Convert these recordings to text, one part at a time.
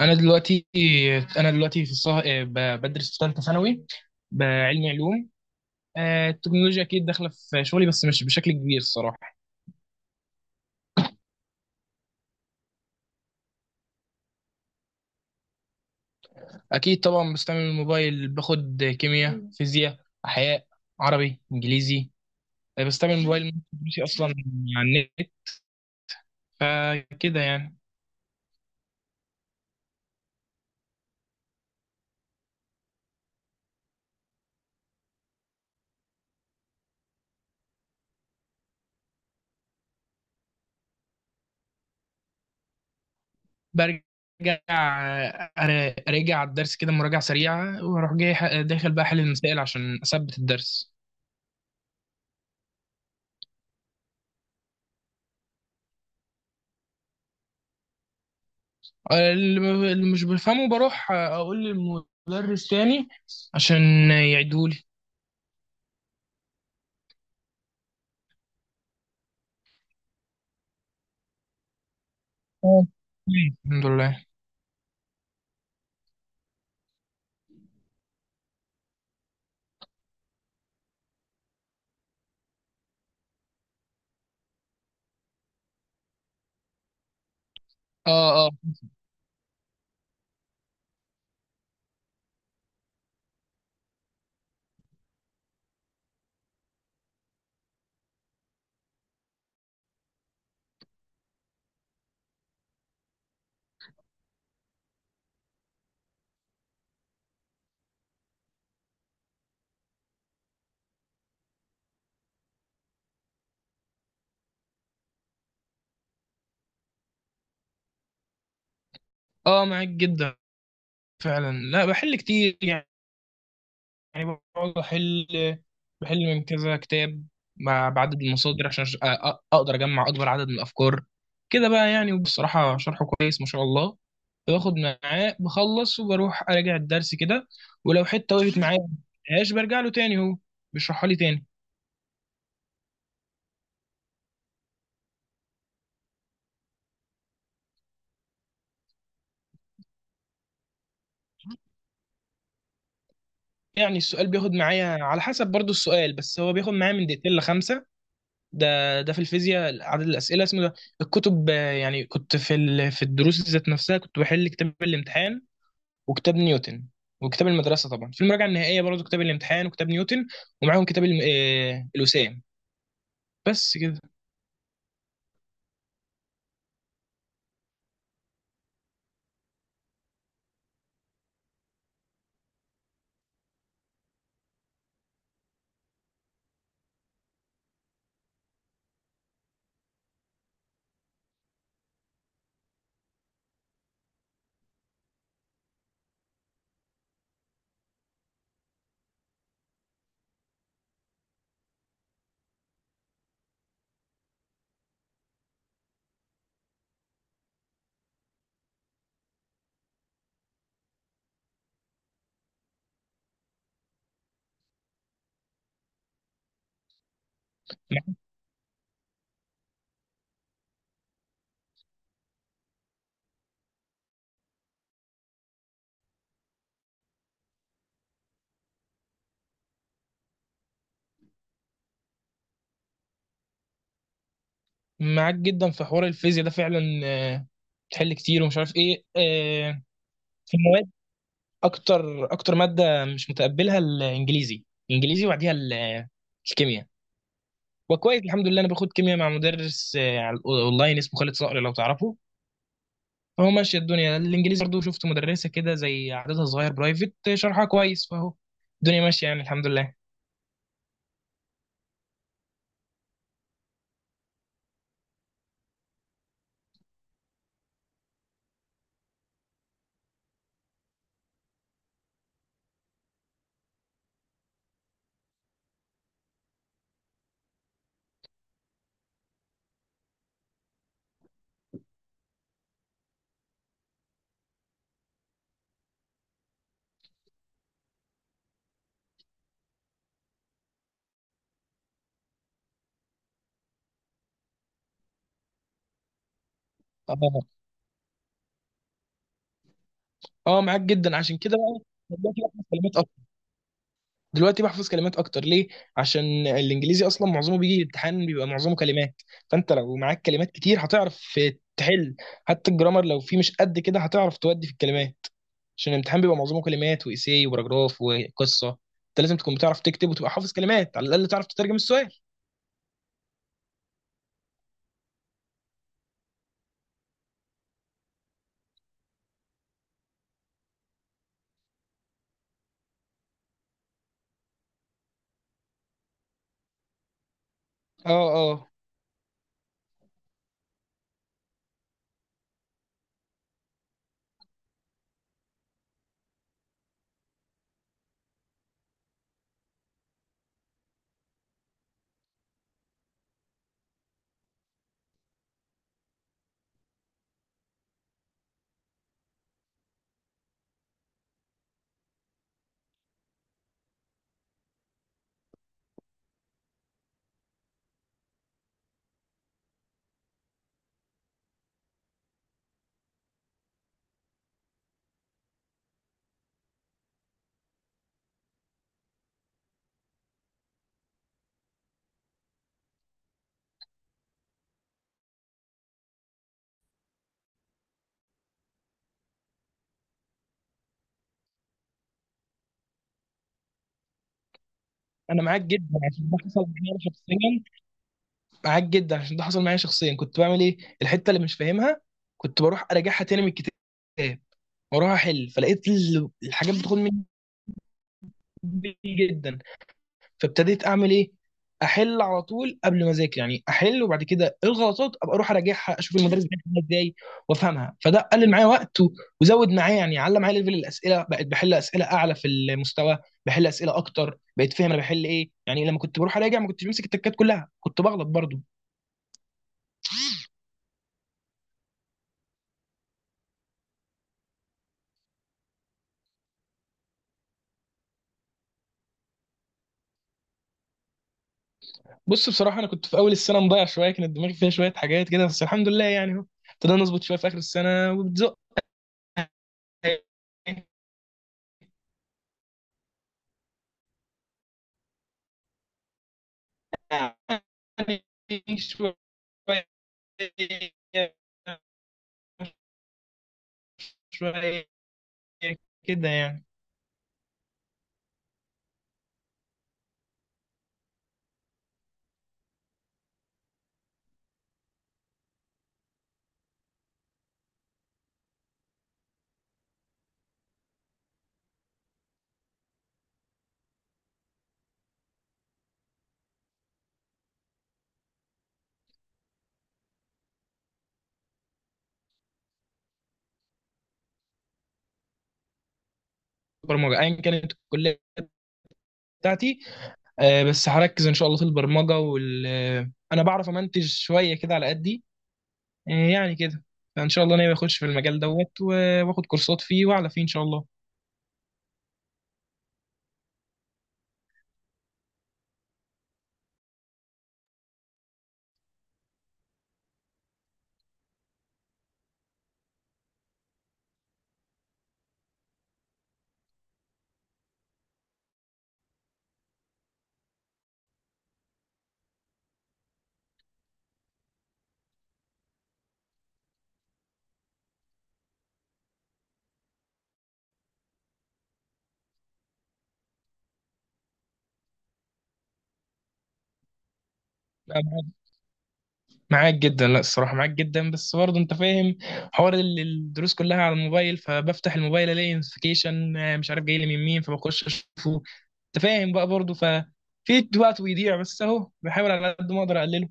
انا دلوقتي انا دلوقتي في بدرس في ثالثه ثانوي، بعلمي علوم. التكنولوجيا اكيد داخله في شغلي، بس مش بشكل كبير الصراحه. اكيد طبعا بستعمل الموبايل، باخد كيمياء، فيزياء، احياء، عربي، انجليزي. بستعمل الموبايل من دروسي اصلا، على النت، فكده يعني. برجع اراجع الدرس كده مراجعه سريعه، واروح جاي داخل بقى احل المسائل عشان اثبت الدرس. اللي مش بفهمه بروح اقول للمدرس تاني عشان يعيدهولي. اه، الحمد لله. اه، اه. اه، معاك جدا فعلا. لا بحل كتير يعني، بقعد احل، بحل من كذا كتاب بعدد المصادر عشان اقدر اجمع اكبر عدد من الافكار كده بقى يعني. وبصراحة شرحه كويس ما شاء الله. باخد معاه بخلص وبروح اراجع الدرس كده، ولو حتة وقفت معايا مش برجع له تاني، هو بيشرحها لي تاني. يعني السؤال بياخد معايا على حسب برضو السؤال، بس هو بياخد معايا من 2 لـ 5. ده في الفيزياء عدد الأسئلة اسمه ده. الكتب، يعني كنت في في الدروس ذات نفسها كنت بحل كتاب الامتحان وكتاب نيوتن وكتاب المدرسة. طبعا في المراجعة النهائية برضو كتاب الامتحان وكتاب نيوتن، ومعاهم كتاب الم... آه، الوسام، بس كده. معاك جدا في حوار الفيزياء ده فعلا، بتحل كتير، ومش عارف ايه في المواد. اكتر اكتر مادة مش متقبلها الانجليزي. الانجليزي وبعديها الكيمياء. وكويس الحمد لله، انا باخد كيمياء مع مدرس على اونلاين اسمه خالد صقر، لو تعرفه، فهو ماشيه الدنيا. الانجليزي برضه شفت مدرسه كده زي عددها صغير برايفت، شرحها كويس، فهو الدنيا ماشيه يعني، الحمد لله. اه، اه، معاك جدا. عشان كده بقى دلوقتي بحفظ كلمات اكتر، دلوقتي بحفظ كلمات اكتر ليه؟ عشان الانجليزي اصلا معظمه بيجي امتحان بيبقى معظمه كلمات، فانت لو معاك كلمات كتير هتعرف تحل. حتى الجرامر لو فيه مش قد كده هتعرف تودي في الكلمات، عشان الامتحان بيبقى معظمه كلمات وإيساي وبراجراف وقصة. انت لازم تكون بتعرف تكتب وتبقى حافظ كلمات، على الأقل تعرف تترجم السؤال. اه، اه، انا معاك جدا عشان ده حصل معايا شخصيا. معاك جدا عشان ده حصل معايا شخصيا. كنت بعمل ايه؟ الحته اللي مش فاهمها كنت بروح اراجعها تاني من الكتاب، واروح احل، فلقيت الحاجات بتاخد مني كتير جدا. فابتديت اعمل ايه؟ احل على طول قبل ما اذاكر، يعني احل، وبعد كده الغلطات ابقى اروح اراجعها، اشوف المدرس بيحلها ازاي وافهمها. فده قلل معايا وقت وزود معايا يعني، علم معايا، ليفل الاسئله بقيت بحل اسئله اعلى في المستوى، بحل اسئله اكتر، بقيت فاهم انا بحل ايه، يعني لما كنت بروح اراجع ما كنتش بمسك التكات كلها، كنت بغلط برضو. بص بصراحه انا كنت في اول السنه مضيع شويه، كانت دماغي فيها شويه حاجات كده، بس الحمد لله يعني، اهو ابتدينا نظبط شويه في اخر السنه وبتزق. يعني شويه. شوية كده يعني. برمجة أيا كانت الكلية بتاعتي، بس هركز إن شاء الله في البرمجة، وال آه، أنا بعرف أمنتج شوية كده على قدي. يعني كده. فإن شاء الله ناوي أخش في المجال دوت وآخد كورسات فيه وأعلى فيه إن شاء الله. معاك جدا. لا الصراحة معاك جدا، بس برضه انت فاهم حوار الدروس كلها على الموبايل، فبفتح الموبايل الاقي نوتيفيكيشن مش عارف جاي لي من مين، فبخش اشوفه. انت فاهم بقى برضه، ففي وقت بيضيع، بس اهو بحاول على قد ما اقدر اقلله.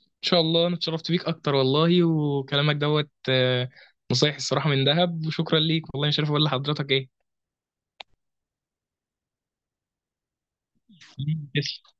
ان شاء الله، انا اتشرفت بيك اكتر والله، وكلامك دوت نصايح الصراحة من ذهب، وشكرا ليك والله، مش عارف اقول لحضرتك ايه.